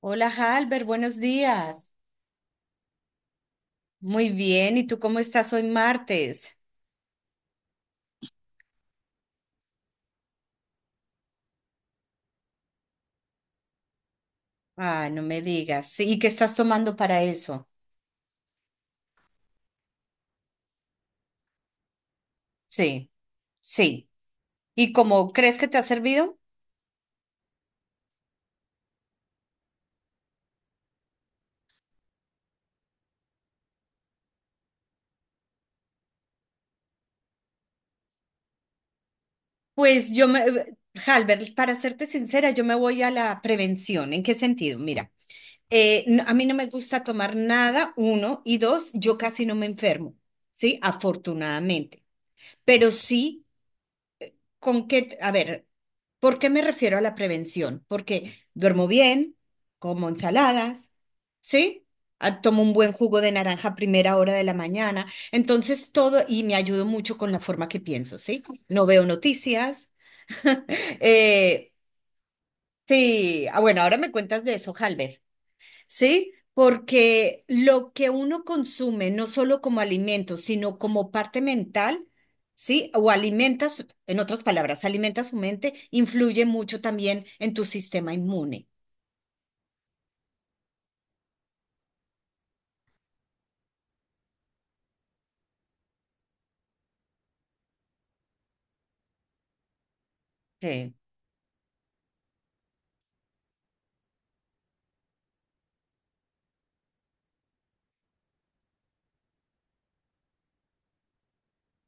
Hola, Halber, buenos días. Muy bien, ¿y tú cómo estás hoy martes? Ah, no me digas. Sí, ¿y qué estás tomando para eso? Sí, sí. ¿Y cómo crees que te ha servido? Pues yo me, Halber, para serte sincera, yo me voy a la prevención. ¿En qué sentido? Mira, a mí no me gusta tomar nada, uno, y dos, yo casi no me enfermo, ¿sí? Afortunadamente. Pero sí ¿con qué? A ver, ¿por qué me refiero a la prevención? Porque duermo bien, como ensaladas, ¿sí? Ah, tomo un buen jugo de naranja a primera hora de la mañana. Entonces todo, y me ayudo mucho con la forma que pienso, ¿sí? No veo noticias. Eh, sí, ah, bueno, ahora me cuentas de eso, Halber. ¿Sí? Porque lo que uno consume, no solo como alimento, sino como parte mental, ¿sí? O alimentas, en otras palabras, alimenta su mente, influye mucho también en tu sistema inmune. Sí.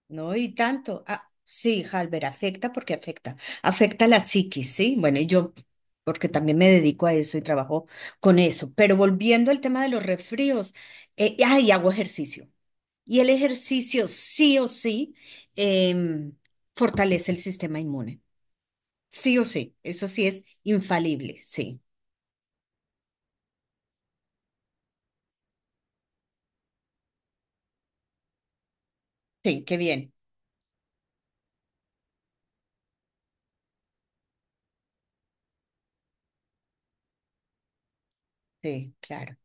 ¿No? Y tanto. Ah, sí, Halber, afecta porque afecta. Afecta la psiquis, ¿sí? Bueno, y yo, porque también me dedico a eso y trabajo con eso. Pero volviendo al tema de los resfríos, ay, hago ejercicio. Y el ejercicio sí o sí em, fortalece el sistema inmune. Sí o sí, eso sí es infalible, sí. Sí, qué bien. Sí, claro.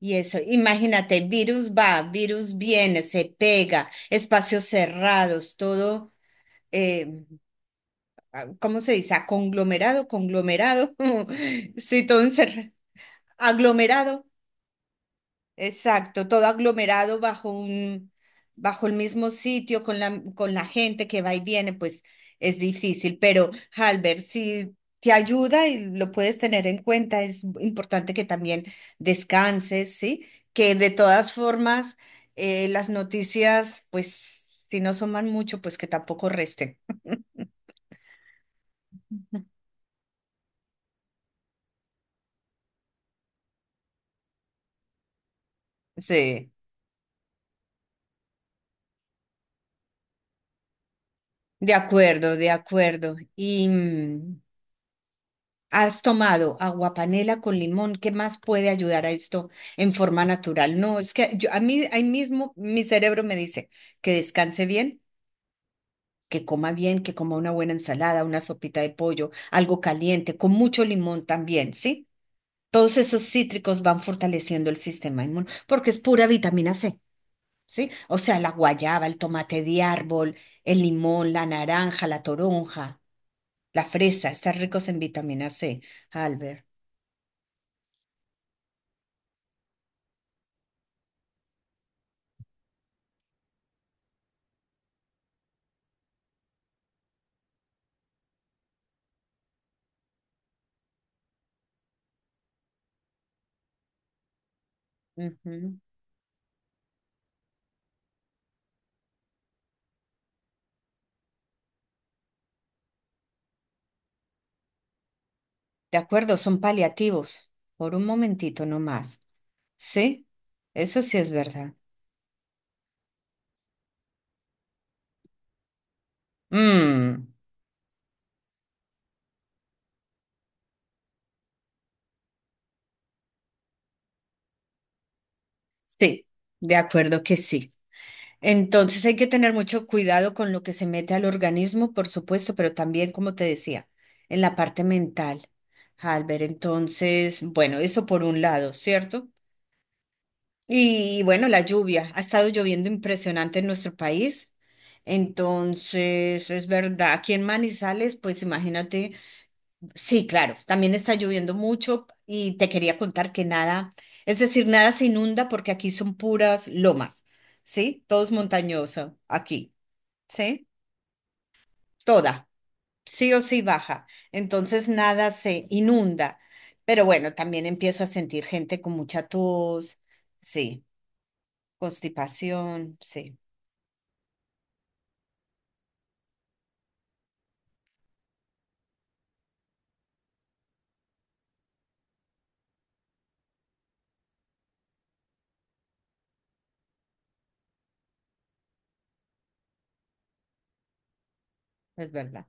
Y eso, imagínate, virus va, virus viene, se pega, espacios cerrados, todo, eh, ah, ¿cómo se dice? Ah, conglomerado, conglomerado. Sí, todo encerrado. Aglomerado. Exacto, todo aglomerado bajo un, bajo el mismo sitio con la gente que va y viene, pues es difícil, pero Halber, si te ayuda y lo puedes tener en cuenta, es importante que también descanses, ¿sí? Que de todas formas las noticias, pues si no suman mucho, pues que tampoco resten. Sí, de acuerdo, de acuerdo. Y, has tomado aguapanela con limón, ¿qué más puede ayudar a esto en forma natural? No, es que yo, a mí ahí mismo mi cerebro me dice que descanse bien, que coma una buena ensalada, una sopita de pollo, algo caliente, con mucho limón también, ¿sí? Todos esos cítricos van fortaleciendo el sistema inmune porque es pura vitamina C, ¿sí? O sea, la guayaba, el tomate de árbol, el limón, la naranja, la toronja, la fresa, están ricos en vitamina C, Albert. Ujú. De acuerdo, son paliativos. Por un momentito nomás. ¿Sí? Eso sí es verdad. Mm, sí, de acuerdo que sí. Entonces hay que tener mucho cuidado con lo que se mete al organismo, por supuesto, pero también, como te decía, en la parte mental, Albert. Entonces, bueno, eso por un lado, ¿cierto? Y bueno, la lluvia. Ha estado lloviendo impresionante en nuestro país. Entonces, es verdad, aquí en Manizales, pues imagínate. Sí, claro, también está lloviendo mucho y te quería contar que nada, es decir, nada se inunda porque aquí son puras lomas, ¿sí? Todo es montañoso aquí, ¿sí? Toda, sí o sí baja, entonces nada se inunda, pero bueno, también empiezo a sentir gente con mucha tos, sí, constipación, sí, es verdad,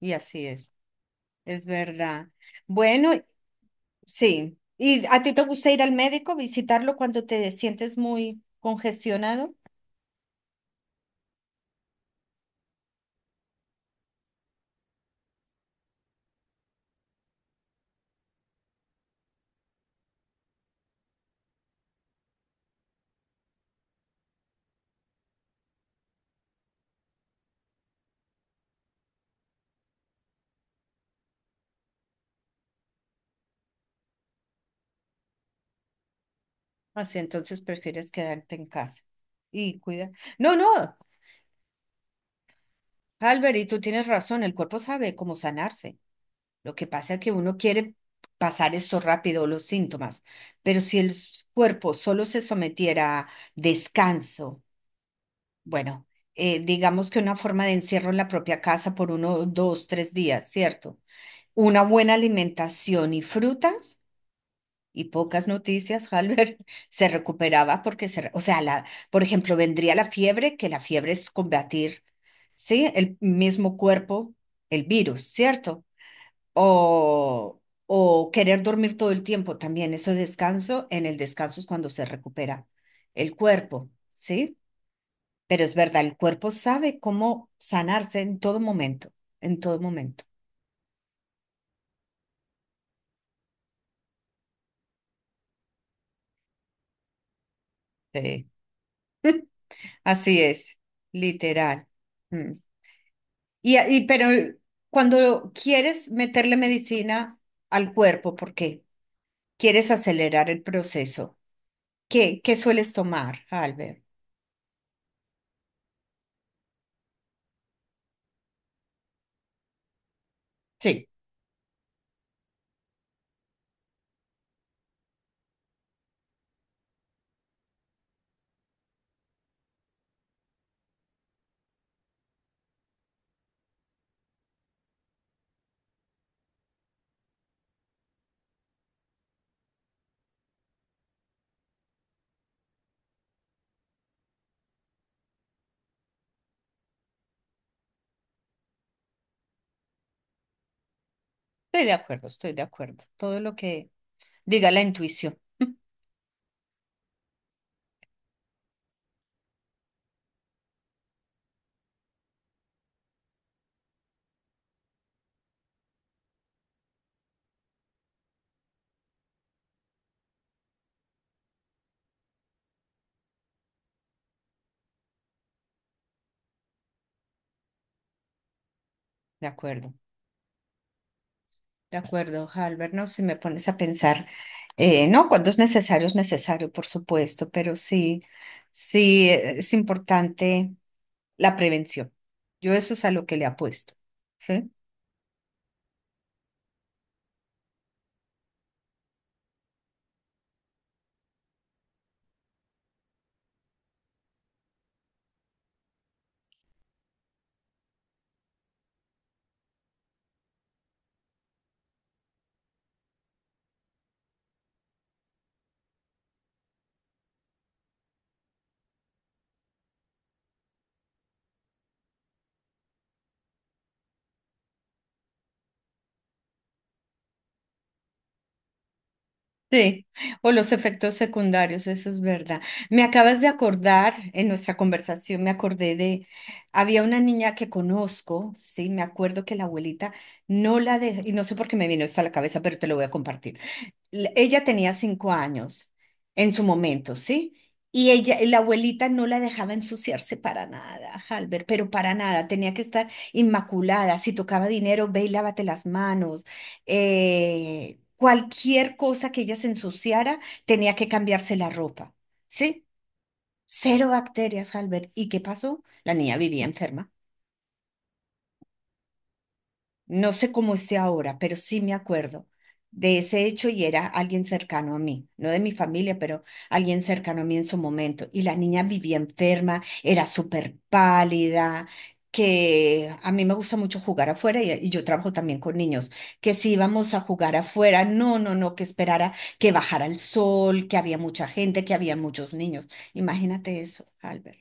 y así es verdad. Bueno, sí. ¿Y a ti te gusta ir al médico, visitarlo cuando te sientes muy congestionado? Así entonces prefieres quedarte en casa y cuidar. No, no, Albert, y tú tienes razón, el cuerpo sabe cómo sanarse. Lo que pasa es que uno quiere pasar esto rápido, los síntomas, pero si cuerpo solo se sometiera a descanso, bueno, digamos que una forma de encierro en la propia casa por uno, dos, tres días, ¿cierto? Una buena alimentación y frutas. Y pocas noticias, Halber, se recuperaba porque o sea, la, por ejemplo, vendría la fiebre, que la fiebre es combatir, ¿sí? El mismo cuerpo, el virus, ¿cierto? O, o querer dormir todo el tiempo, también eso descanso, en el descanso es cuando se recupera el cuerpo, ¿sí? Pero es verdad, el cuerpo sabe cómo sanarse en todo momento, en todo momento. Sí. Así es, literal. Mm. Y pero cuando quieres meterle medicina al cuerpo, porque quieres acelerar el proceso, ¿qué, qué sueles tomar, Albert? Sí, estoy de acuerdo, estoy de acuerdo. Todo lo que diga la intuición. De acuerdo, de acuerdo, Albert, no si me pones a pensar, no, cuando es necesario, por supuesto, pero sí, sí es importante la prevención. Yo eso es a lo que le apuesto, ¿sí? Sí, o los efectos secundarios, eso es verdad. Me acabas de acordar, en nuestra conversación me acordé de, había una niña que conozco, sí, me acuerdo que la abuelita no la dejó, y no sé por qué me vino esto a la cabeza, pero te lo voy a compartir ella tenía 5 años en su momento, ¿sí? Y ella, la abuelita no la dejaba ensuciarse para nada, Albert, pero para nada, tenía que estar inmaculada. Si tocaba dinero, ve y lávate las manos. Cualquier cosa que ella se ensuciara, tenía que cambiarse la ropa, ¿sí? Cero bacterias, Albert. ¿Y qué pasó? La niña vivía enferma. No sé cómo esté ahora, pero sí me acuerdo de ese hecho y era alguien cercano a mí, no de mi familia, pero alguien cercano a mí en su momento. Y la niña vivía enferma, era súper pálida, que a mí me gusta mucho jugar afuera y yo trabajo también con niños, que si íbamos a jugar afuera, no, no, no, que esperara que bajara el sol, que había mucha gente, que había muchos niños. Imagínate eso, Albert.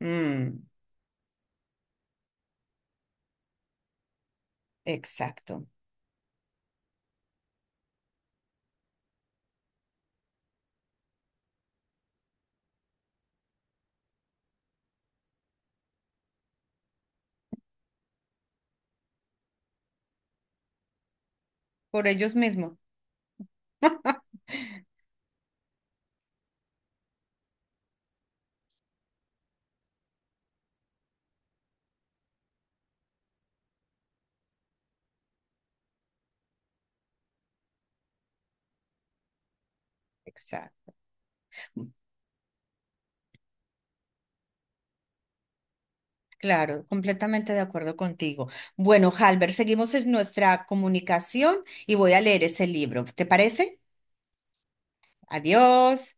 Mm, exacto. Por ellos mismos. Exacto. Claro, completamente de acuerdo contigo. Bueno, Halber, seguimos en nuestra comunicación y voy a leer ese libro. ¿Te parece? Adiós.